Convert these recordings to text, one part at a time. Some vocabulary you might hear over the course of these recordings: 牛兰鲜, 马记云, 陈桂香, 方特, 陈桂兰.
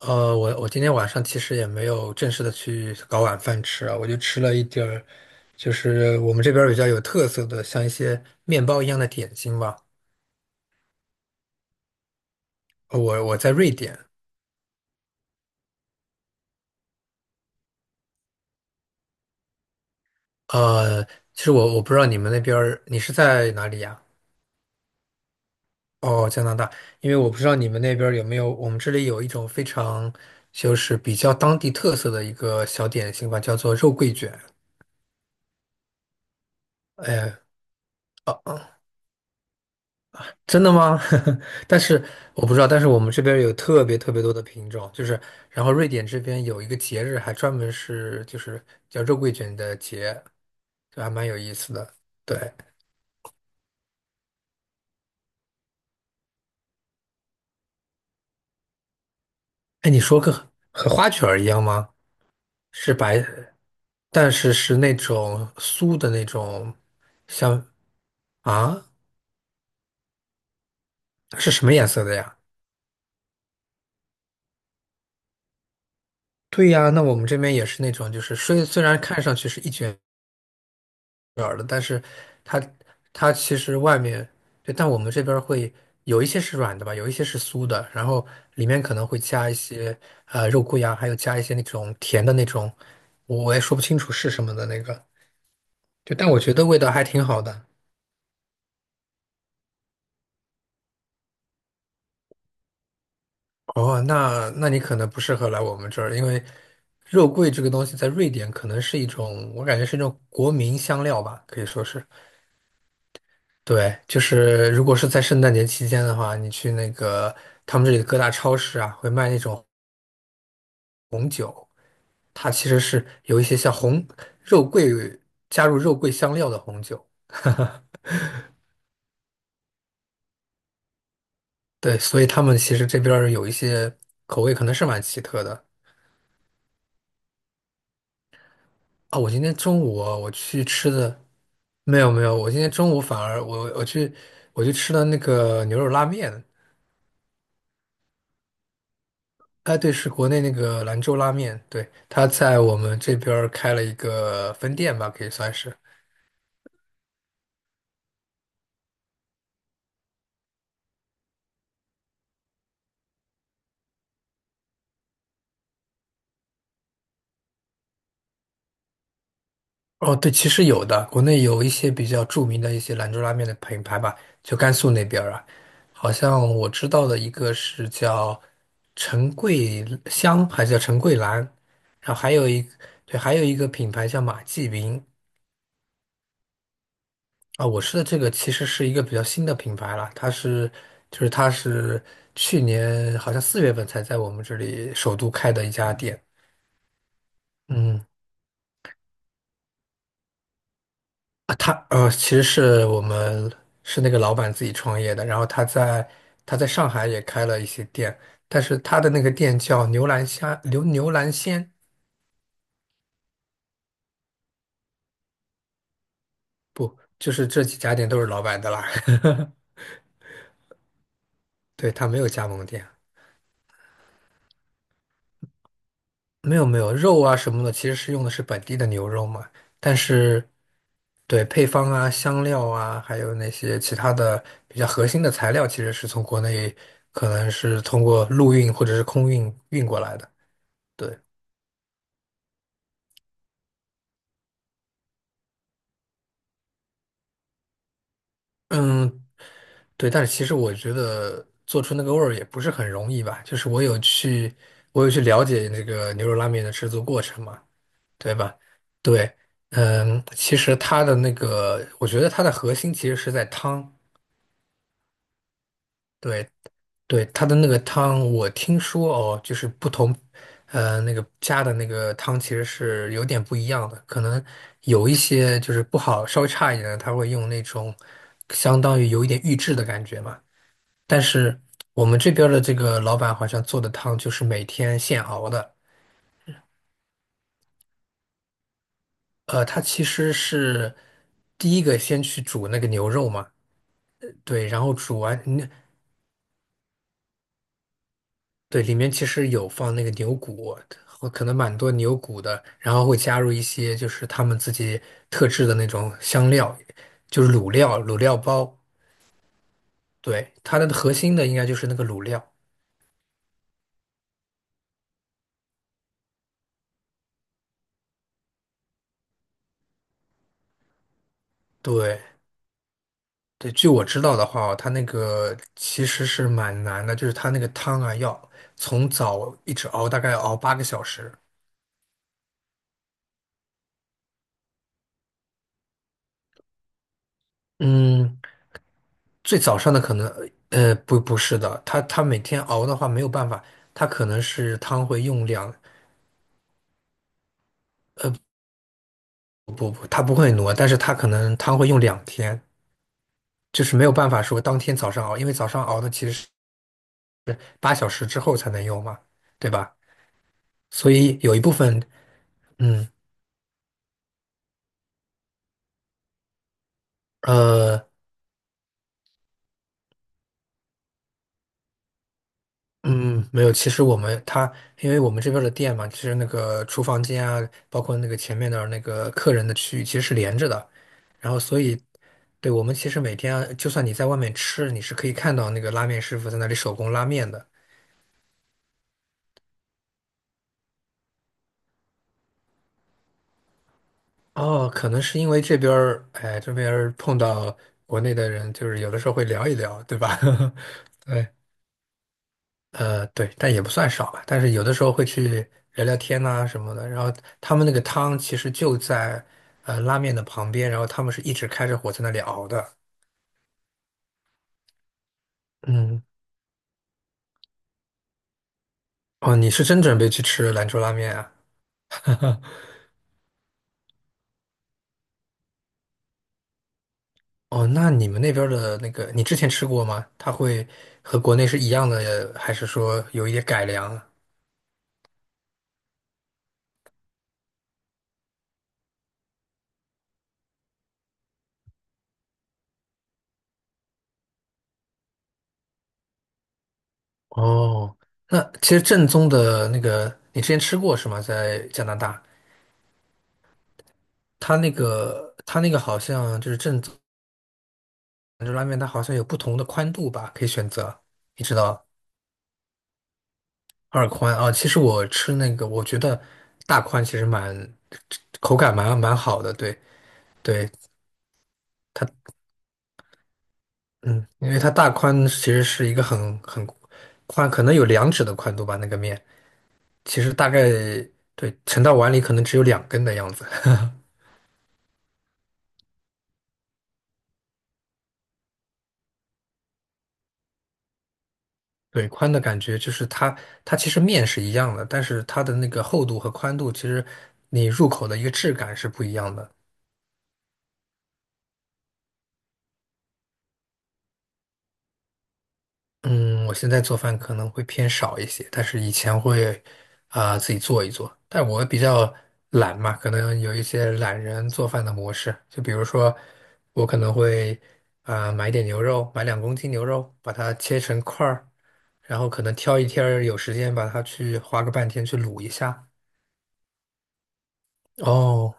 我今天晚上其实也没有正式的去搞晚饭吃啊，我就吃了一点儿，就是我们这边儿比较有特色的，像一些面包一样的点心吧。我在瑞典。呃，其实我不知道你们那边儿，你是在哪里呀？哦，加拿大。因为我不知道你们那边儿有没有，我们这里有一种非常就是比较当地特色的一个小点心吧，叫做肉桂卷。哎。哦，嗯。真的吗？但是我不知道，但是我们这边有特别特别多的品种，就是，然后瑞典这边有一个节日，还专门是就是叫肉桂卷的节，就还蛮有意思的。对。哎，你说个和花卷儿一样吗？是白，但是是那种酥的那种。像啊，是什么颜色的呀？对呀，那我们这边也是那种，就是虽然看上去是一卷。软的，但是它它其实外面，对，但我们这边儿会有一些是软的吧，有一些是酥的，然后里面可能会加一些肉桂呀，还有加一些那种甜的那种，我也说不清楚是什么的那个，就但我觉得味道还挺好的。哦，那你可能不适合来我们这儿，因为肉桂这个东西在瑞典可能是一种，我感觉是一种国民香料吧，可以说是。对，就是如果是在圣诞节期间的话，你去那个他们这里的各大超市啊，会卖那种它其实是有一些像红肉桂加入肉桂香料的红酒。对，所以他们其实这边儿有一些口味可能是蛮奇特的。啊。我今天中午啊我去吃的，没有没有，我今天中午反而我去吃了那个牛肉拉面。哎对，是国内那个兰州拉面，对，他在我们这边儿开了一个分店吧，可以算是。哦，对，其实有的，国内有一些比较著名的一些兰州拉面的品牌吧，就甘肃那边儿啊，好像我知道的一个是叫陈桂香，还是叫陈桂兰，然后还有一对，还有一个品牌叫马记云。啊。我吃的这个其实是一个比较新的品牌了，它是去年好像4月份才在我们这里首都开的一家店。嗯。啊，他其实是我们是那个老板自己创业的，然后他在上海也开了一些店，但是他的那个店叫牛兰虾牛牛兰鲜。就是这几家店都是老板的啦。对，他没有加盟店。没有没有肉啊什么的，其实是用的是本地的牛肉嘛，但是对配方啊、香料啊，还有那些其他的比较核心的材料，其实是从国内可能是通过陆运或者是空运运过来的。对。嗯，对，但是其实我觉得做出那个味儿也不是很容易吧，就是我有去了解那个牛肉拉面的制作过程嘛，对吧？对。嗯，其实它的那个，我觉得它的核心其实是在汤。对对，它的那个汤，我听说哦，就是不同，那个加的那个汤其实是有点不一样的，可能有一些就是不好，稍微差一点的，它会用那种相当于有一点预制的感觉嘛。但是我们这边儿的这个老板好像做的汤就是每天现熬的。他其实是第一个先去煮那个牛肉嘛，对，然后煮完，嗯，对，里面其实有放那个牛骨，和可能蛮多牛骨的，然后会加入一些就是他们自己特制的那种香料，就是卤料、卤料包。对，它的核心的应该就是那个卤料。对。对，据我知道的话，它那个其实是蛮难的，就是它那个汤啊，要从早一直熬，大概要熬8个小时。嗯，最早上的可能，不，不是的，它每天熬的话没有办法，它可能是汤会用两，它不会挪，但是它可能汤会用2天，就是没有办法说当天早上熬，因为早上熬的其实是8小时之后才能用嘛，对吧？所以有一部分，嗯。呃。嗯，没有。其实我们他，因为我们这边儿的店嘛，其实那个厨房间啊，包括那个前面的那个客人的区域，其实是连着的。然后，所以，对，我们其实每天啊就算你在外面吃，你是可以看到那个拉面师傅在那里手工拉面的。哦，可能是因为这边儿，这边儿碰到国内的人，就是有的时候会聊一聊，对吧？对。对，但也不算少吧。但是有的时候会去聊聊天呐、什么的。然后他们那个汤其实就在拉面的旁边，然后他们是一直开着火在那里熬的。嗯。哦，你是真准备去吃兰州拉面啊？哦，那你们那边儿的那个，你之前吃过吗？它会和国内是一样的，还是说有一点改良啊？哦，那其实正宗的那个，你之前吃过是吗？在加拿大。它那个好像就是正。兰州拉面它好像有不同的宽度吧，可以选择。你知道二宽啊。其实我吃那个，我觉得大宽其实口感蛮好的。对对，它嗯，因为它大宽其实是一个很宽，可能有两指的宽度吧，那个面其实大概，对，盛到碗里可能只有两根的样子。对，宽的感觉就是它其实面是一样的，但是它的那个厚度和宽度，其实你入口的一个质感是不一样的。嗯，我现在做饭可能会偏少一些，但是以前会啊、自己做一做。但我比较懒嘛，可能有一些懒人做饭的模式，就比如说我可能会啊、买点牛肉，买两公斤牛肉，把它切成块儿，然后可能挑一天儿有时间把它去花个半天去卤一下。哦，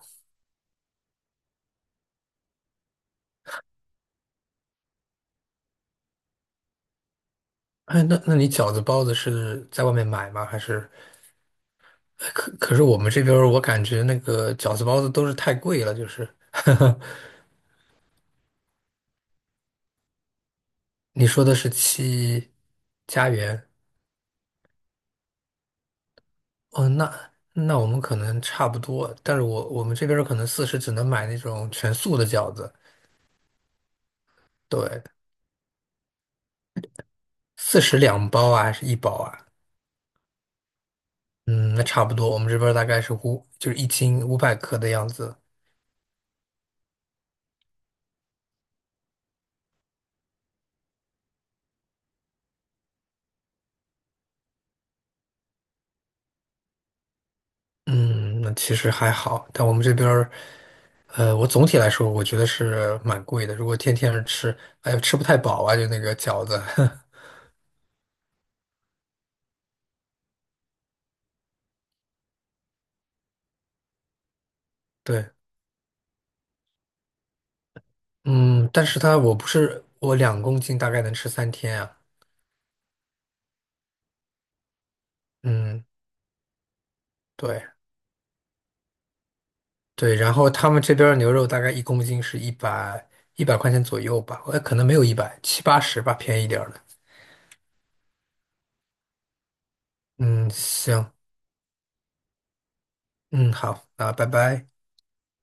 哎，那那你饺子包子是在外面买吗？还是可是我们这边儿我感觉那个饺子包子都是太贵了，就是。你说的是七家园？哦，那我们可能差不多，但是我们这边儿可能四十只能买那种全素的饺子，对，四十两包啊，还是一包啊？嗯，那差不多，我们这边儿大概是五，就是1斤500克的样子。嗯，那其实还好，但我们这边儿我总体来说我觉得是蛮贵的，如果天天吃，哎呦，吃不太饱啊，就那个饺子，对。嗯，但是它我不是我两公斤大概能吃3天啊，嗯，对对，然后他们这边儿牛肉大概1公斤是一百块钱左右吧，可能没有一百，七八十吧，便宜点儿的。嗯，行，嗯，好，那拜拜。